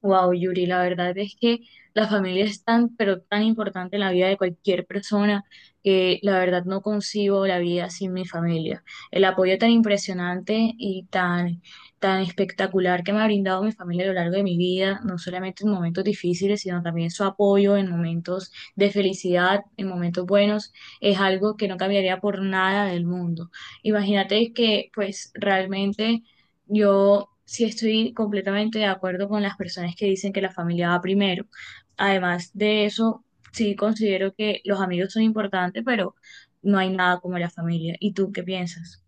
Wow, Yuri, la verdad es que la familia es tan, pero tan importante en la vida de cualquier persona que la verdad no concibo la vida sin mi familia. El apoyo tan impresionante y tan espectacular que me ha brindado mi familia a lo largo de mi vida, no solamente en momentos difíciles, sino también su apoyo en momentos de felicidad, en momentos buenos, es algo que no cambiaría por nada del mundo. Imagínate que pues realmente yo sí estoy completamente de acuerdo con las personas que dicen que la familia va primero. Además de eso, sí considero que los amigos son importantes, pero no hay nada como la familia. ¿Y tú qué piensas?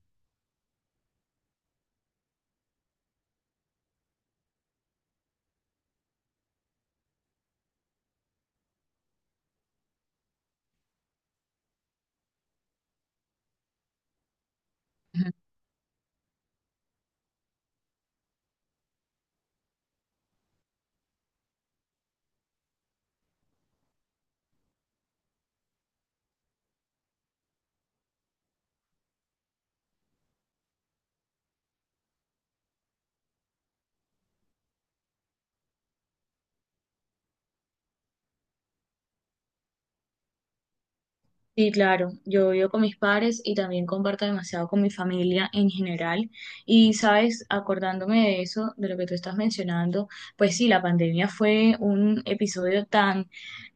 Ujú. Sí, claro, yo vivo con mis padres y también comparto demasiado con mi familia en general. Y sabes, acordándome de eso, de lo que tú estás mencionando, pues sí, la pandemia fue un episodio tan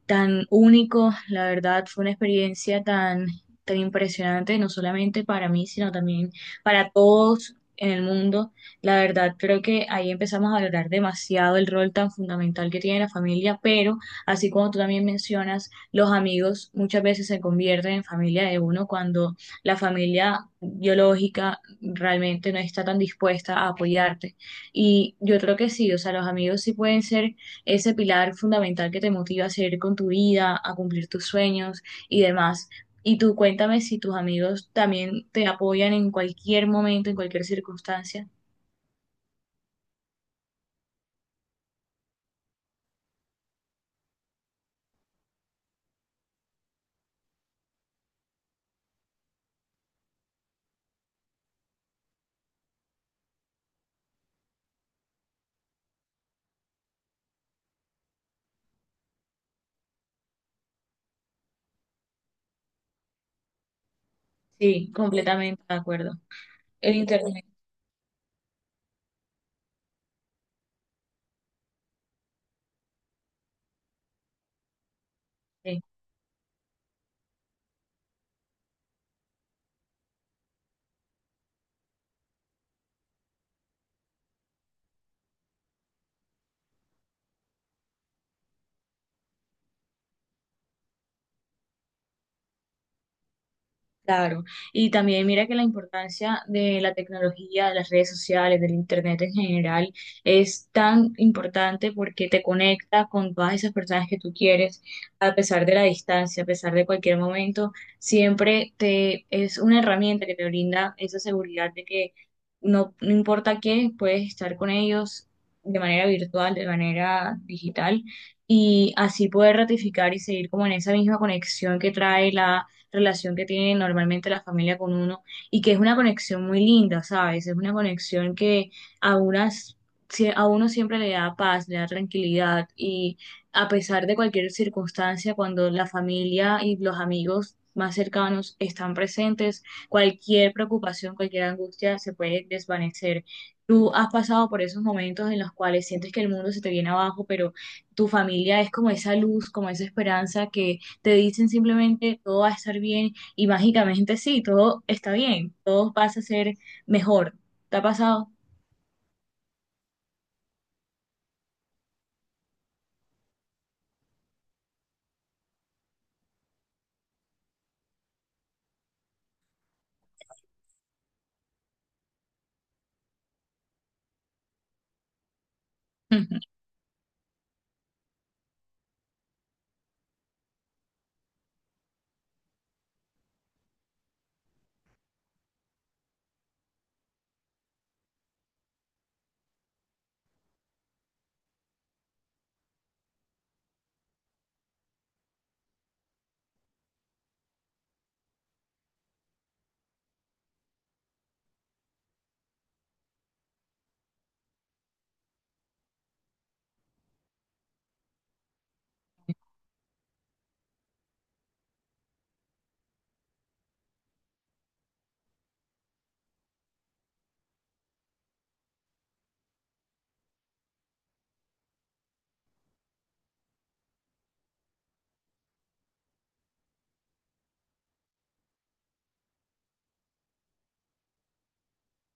tan único, la verdad fue una experiencia tan impresionante, no solamente para mí, sino también para todos en el mundo. La verdad creo que ahí empezamos a valorar demasiado el rol tan fundamental que tiene la familia, pero así como tú también mencionas, los amigos muchas veces se convierten en familia de uno cuando la familia biológica realmente no está tan dispuesta a apoyarte. Y yo creo que sí, o sea, los amigos sí pueden ser ese pilar fundamental que te motiva a seguir con tu vida, a cumplir tus sueños y demás. Y tú cuéntame si tus amigos también te apoyan en cualquier momento, en cualquier circunstancia. Sí, completamente de acuerdo. El internet. Sí. Claro, y también mira que la importancia de la tecnología, de las redes sociales, del internet en general, es tan importante porque te conecta con todas esas personas que tú quieres, a pesar de la distancia, a pesar de cualquier momento, siempre te es una herramienta que te brinda esa seguridad de que no, no importa qué, puedes estar con ellos de manera virtual, de manera digital, y así poder ratificar y seguir como en esa misma conexión que trae la relación que tiene normalmente la familia con uno y que es una conexión muy linda, ¿sabes? Es una conexión que a unas, si- a uno siempre le da paz, le da tranquilidad y a pesar de cualquier circunstancia, cuando la familia y los amigos más cercanos están presentes, cualquier preocupación, cualquier angustia se puede desvanecer. Tú has pasado por esos momentos en los cuales sientes que el mundo se te viene abajo, pero tu familia es como esa luz, como esa esperanza que te dicen simplemente todo va a estar bien y mágicamente sí, todo está bien, todo pasa a ser mejor. ¿Te ha pasado?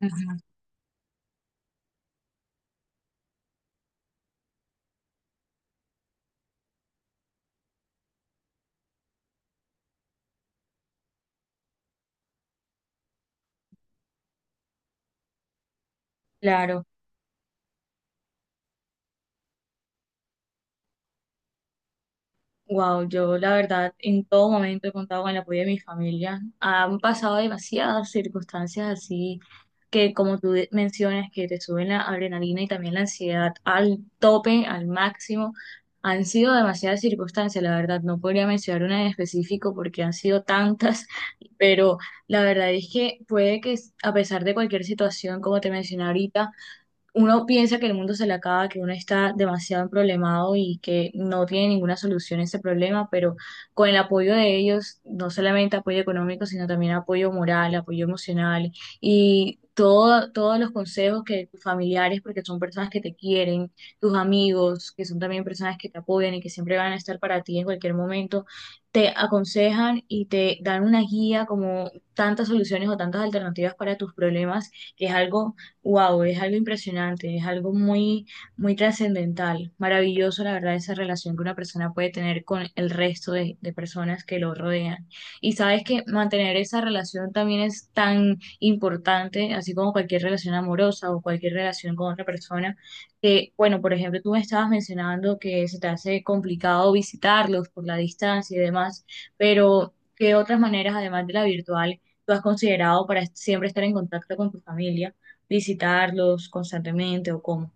Claro, wow, yo la verdad en todo momento he contado con el apoyo de mi familia. Han pasado demasiadas circunstancias así que como mencionas, que te suben la adrenalina y también la ansiedad al tope, al máximo, han sido demasiadas circunstancias, la verdad, no podría mencionar una en específico porque han sido tantas, pero la verdad es que puede que a pesar de cualquier situación, como te mencioné ahorita, uno piensa que el mundo se le acaba, que uno está demasiado problemado y que no tiene ninguna solución a ese problema, pero con el apoyo de ellos, no solamente apoyo económico, sino también apoyo moral, apoyo emocional y todo, todos los consejos que tus familiares, porque son personas que te quieren, tus amigos, que son también personas que te apoyan y que siempre van a estar para ti en cualquier momento, te aconsejan y te dan una guía como tantas soluciones o tantas alternativas para tus problemas, que es algo. Wow, es algo impresionante, es algo muy, muy trascendental, maravilloso, la verdad, esa relación que una persona puede tener con el resto de personas que lo rodean. Y sabes que mantener esa relación también es tan importante, así como cualquier relación amorosa o cualquier relación con otra persona, que, bueno, por ejemplo, tú me estabas mencionando que se te hace complicado visitarlos por la distancia y demás, pero ¿qué otras maneras, además de la virtual, tú has considerado para siempre estar en contacto con tu familia? ¿Visitarlos constantemente o cómo?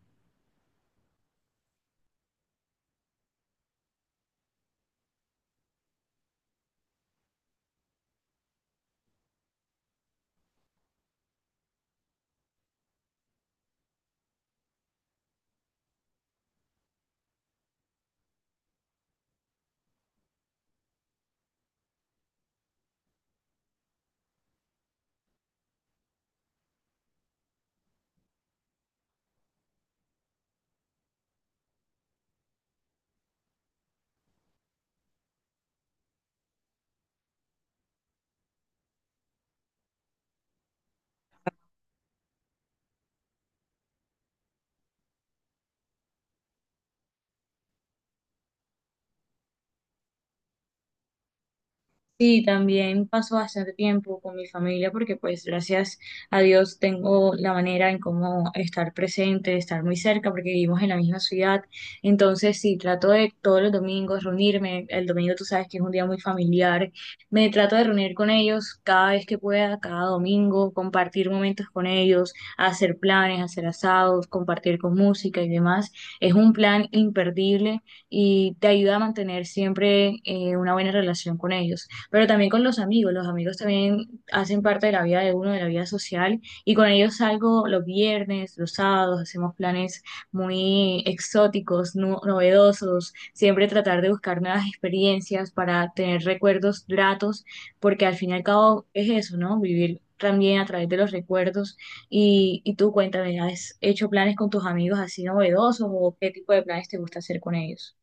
Sí, también paso bastante tiempo con mi familia porque pues gracias a Dios tengo la manera en cómo estar presente, estar muy cerca porque vivimos en la misma ciudad. Entonces sí, trato de todos los domingos reunirme. El domingo tú sabes que es un día muy familiar. Me trato de reunir con ellos cada vez que pueda, cada domingo, compartir momentos con ellos, hacer planes, hacer asados, compartir con música y demás. Es un plan imperdible y te ayuda a mantener siempre una buena relación con ellos pero también con los amigos. Los amigos también hacen parte de la vida de uno, de la vida social, y con ellos salgo los viernes, los sábados, hacemos planes muy exóticos, novedosos, siempre tratar de buscar nuevas experiencias para tener recuerdos gratos, porque al fin y al cabo es eso, ¿no? Vivir también a través de los recuerdos. Y tú cuéntame, ¿has hecho planes con tus amigos así novedosos o qué tipo de planes te gusta hacer con ellos?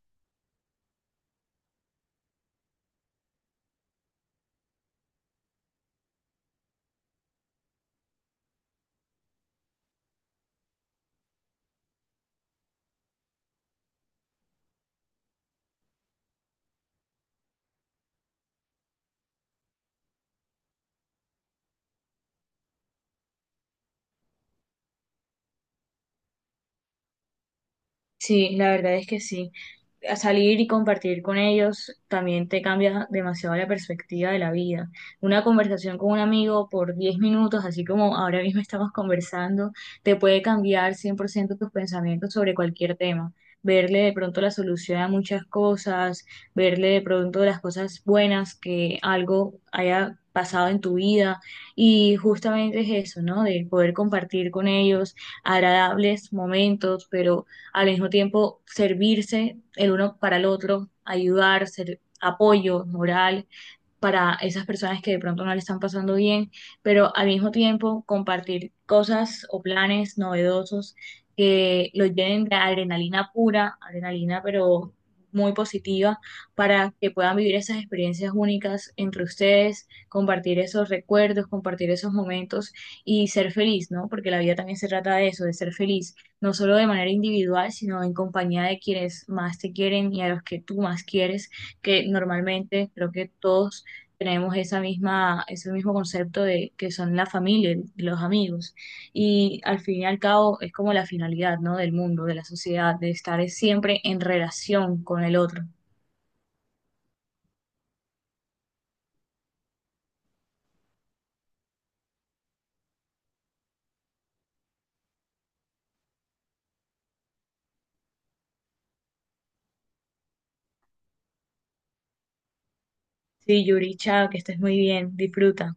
Sí, la verdad es que sí. A salir y compartir con ellos también te cambia demasiado la perspectiva de la vida. Una conversación con un amigo por 10 minutos, así como ahora mismo estamos conversando, te puede cambiar 100% tus pensamientos sobre cualquier tema. Verle de pronto la solución a muchas cosas, verle de pronto las cosas buenas que algo haya pasado en tu vida y justamente es eso, ¿no? De poder compartir con ellos agradables momentos, pero al mismo tiempo servirse el uno para el otro, ayudar, ser apoyo moral para esas personas que de pronto no le están pasando bien, pero al mismo tiempo compartir cosas o planes novedosos que los llenen de adrenalina pura, adrenalina pero muy positiva, para que puedan vivir esas experiencias únicas entre ustedes, compartir esos recuerdos, compartir esos momentos y ser feliz, ¿no? Porque la vida también se trata de eso, de ser feliz, no solo de manera individual, sino en compañía de quienes más te quieren y a los que tú más quieres, que normalmente creo que todos tenemos esa misma, ese mismo concepto de que son la familia, y los amigos. Y al fin y al cabo es como la finalidad, ¿no? Del mundo, de la sociedad, de estar siempre en relación con el otro. Sí, Yuricha, que estés muy bien, disfruta.